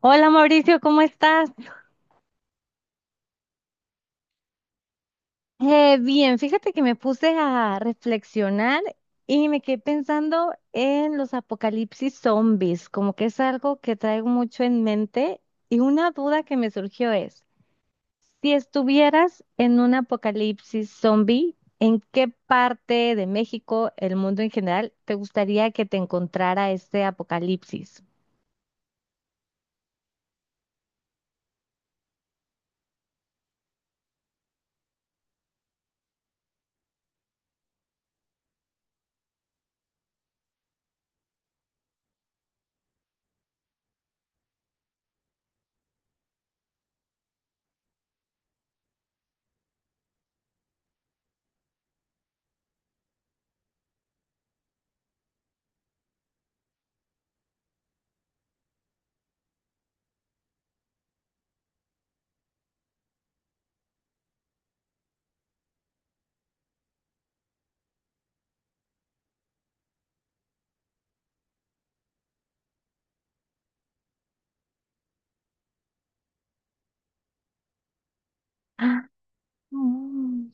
Hola Mauricio, ¿cómo estás? Bien, fíjate que me puse a reflexionar y me quedé pensando en los apocalipsis zombies, como que es algo que traigo mucho en mente, y una duda que me surgió es, si estuvieras en un apocalipsis zombie, ¿en qué parte de México, el mundo en general, te gustaría que te encontrara este apocalipsis? Ah, mm,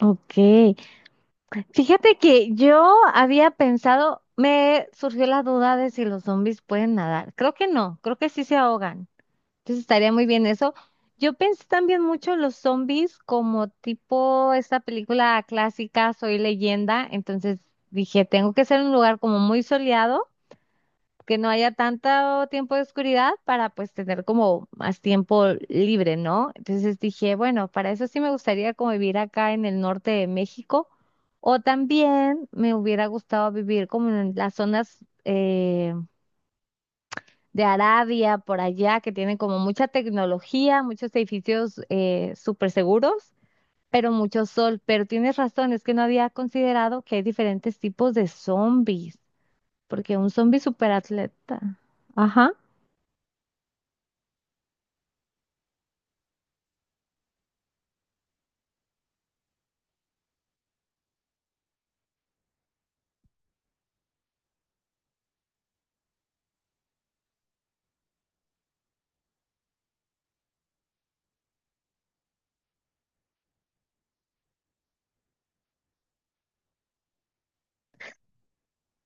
ok. Fíjate que yo había pensado, me surgió la duda de si los zombies pueden nadar. Creo que no, creo que sí se ahogan. Entonces estaría muy bien eso. Yo pensé también mucho en los zombies como tipo esta película clásica Soy Leyenda. Entonces dije, tengo que ser un lugar como muy soleado que no haya tanto tiempo de oscuridad para pues tener como más tiempo libre, ¿no? Entonces dije, bueno, para eso sí me gustaría como vivir acá en el norte de México, o también me hubiera gustado vivir como en las zonas de Arabia, por allá, que tienen como mucha tecnología, muchos edificios súper seguros. Pero mucho sol, pero tienes razón, es que no había considerado que hay diferentes tipos de zombies, porque un zombie superatleta. Ajá.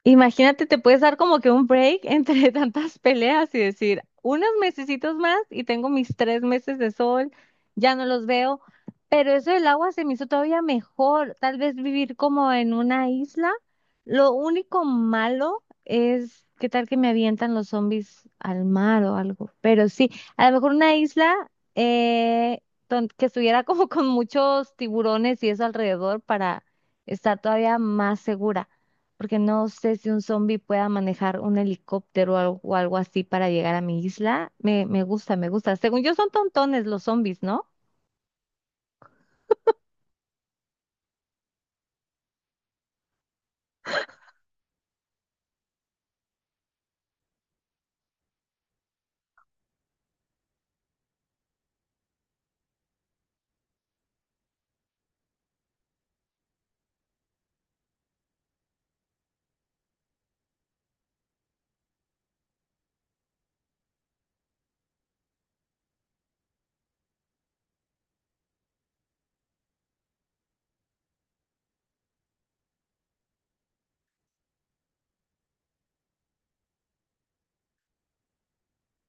Imagínate, te puedes dar como que un break entre tantas peleas y decir, unos mesecitos más y tengo mis tres meses de sol, ya no los veo, pero eso del agua se me hizo todavía mejor, tal vez vivir como en una isla. Lo único malo es qué tal que me avientan los zombies al mar o algo, pero sí, a lo mejor una isla, eh, que estuviera como con muchos tiburones y eso alrededor para estar todavía más segura, porque no sé si un zombie pueda manejar un helicóptero o algo así para llegar a mi isla. Me gusta, me gusta. Según yo son tontones los zombies, ¿no?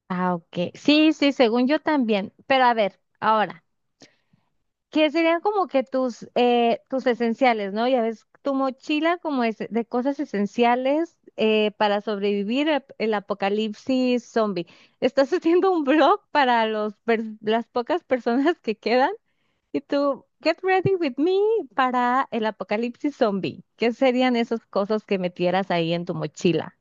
Ah, ok. Sí, sí, según yo también. Pero a ver, ahora, ¿qué serían como que tus, tus esenciales, ¿no? Ya ves, tu mochila como es de cosas esenciales para sobrevivir el apocalipsis zombie. ¿Estás haciendo un blog para las pocas personas que quedan? Y tú, get ready with me para el apocalipsis zombie. ¿Qué serían esas cosas que metieras ahí en tu mochila?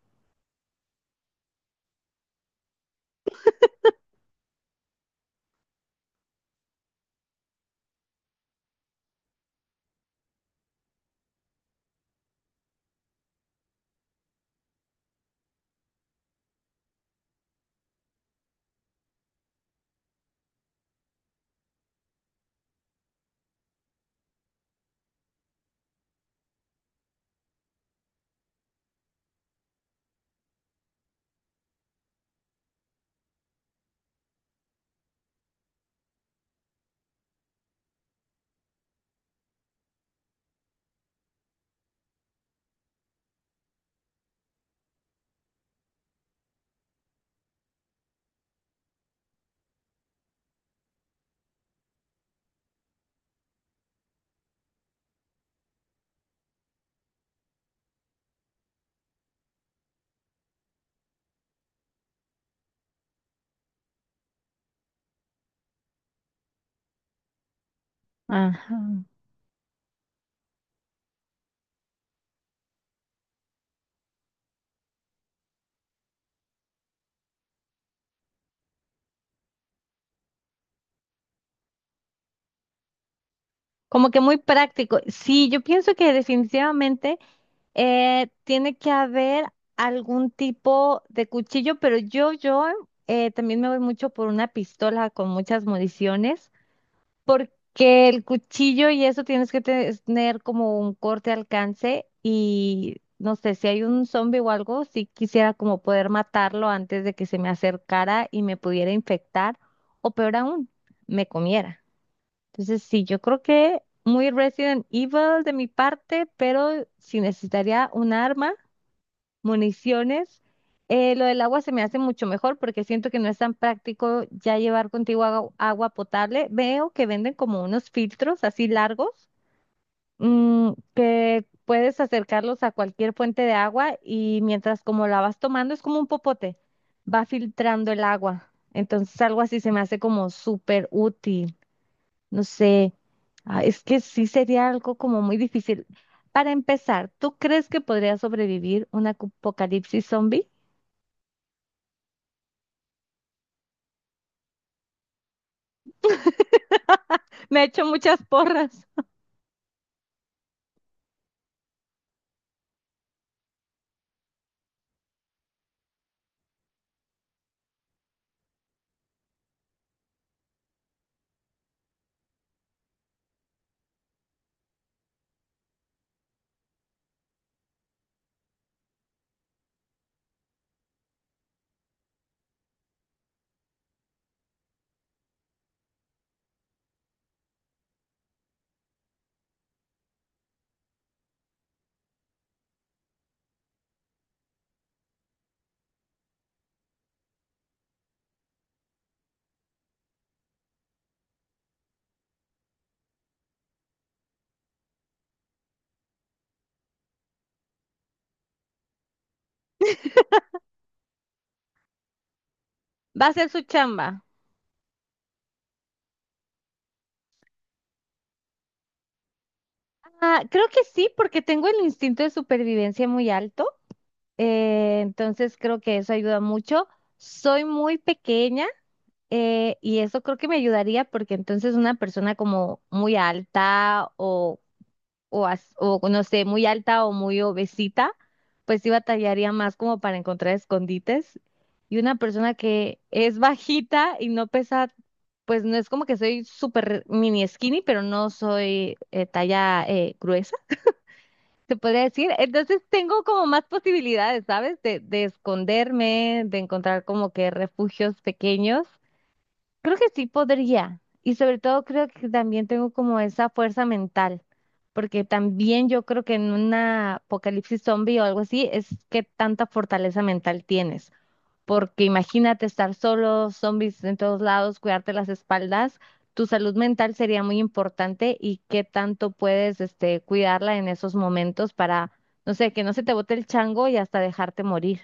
Ajá. Como que muy práctico. Sí, yo pienso que definitivamente tiene que haber algún tipo de cuchillo, pero yo también me voy mucho por una pistola con muchas municiones. Porque el cuchillo y eso tienes que tener como un corte alcance y no sé, si hay un zombie o algo, sí quisiera como poder matarlo antes de que se me acercara y me pudiera infectar, o peor aún, me comiera. Entonces sí, yo creo que muy Resident Evil de mi parte, pero si necesitaría un arma, municiones. Lo del agua se me hace mucho mejor porque siento que no es tan práctico ya llevar contigo agua potable. Veo que venden como unos filtros así largos, que puedes acercarlos a cualquier fuente de agua y mientras como la vas tomando es como un popote, va filtrando el agua. Entonces algo así se me hace como súper útil. No sé, ah, es que sí sería algo como muy difícil. Para empezar, ¿tú crees que podría sobrevivir un apocalipsis zombie? Me he hecho muchas porras. Va a ser su chamba. Ah, creo que sí, porque tengo el instinto de supervivencia muy alto. Entonces creo que eso ayuda mucho. Soy muy pequeña, y eso creo que me ayudaría porque entonces una persona como muy alta o no sé, muy alta o muy obesita, pues sí batallaría más como para encontrar escondites. Y una persona que es bajita y no pesa, pues no es como que soy súper mini skinny, pero no soy talla gruesa, se podría decir. Entonces tengo como más posibilidades, ¿sabes? De esconderme, de encontrar como que refugios pequeños. Creo que sí podría. Y sobre todo creo que también tengo como esa fuerza mental, porque también yo creo que en una apocalipsis zombie o algo así es que tanta fortaleza mental tienes, porque imagínate estar solo, zombies en todos lados, cuidarte las espaldas, tu salud mental sería muy importante y qué tanto puedes este cuidarla en esos momentos para, no sé, que no se te bote el chango y hasta dejarte morir.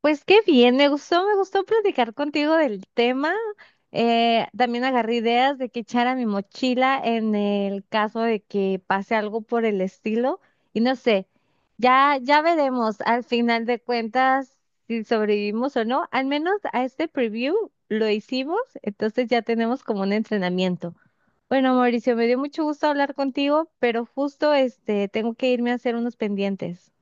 Pues qué bien, me gustó platicar contigo del tema. También agarré ideas de que echar a mi mochila en el caso de que pase algo por el estilo. Y no sé, ya veremos al final de cuentas si sobrevivimos o no. Al menos a este preview lo hicimos, entonces ya tenemos como un entrenamiento. Bueno, Mauricio, me dio mucho gusto hablar contigo, pero justo este tengo que irme a hacer unos pendientes.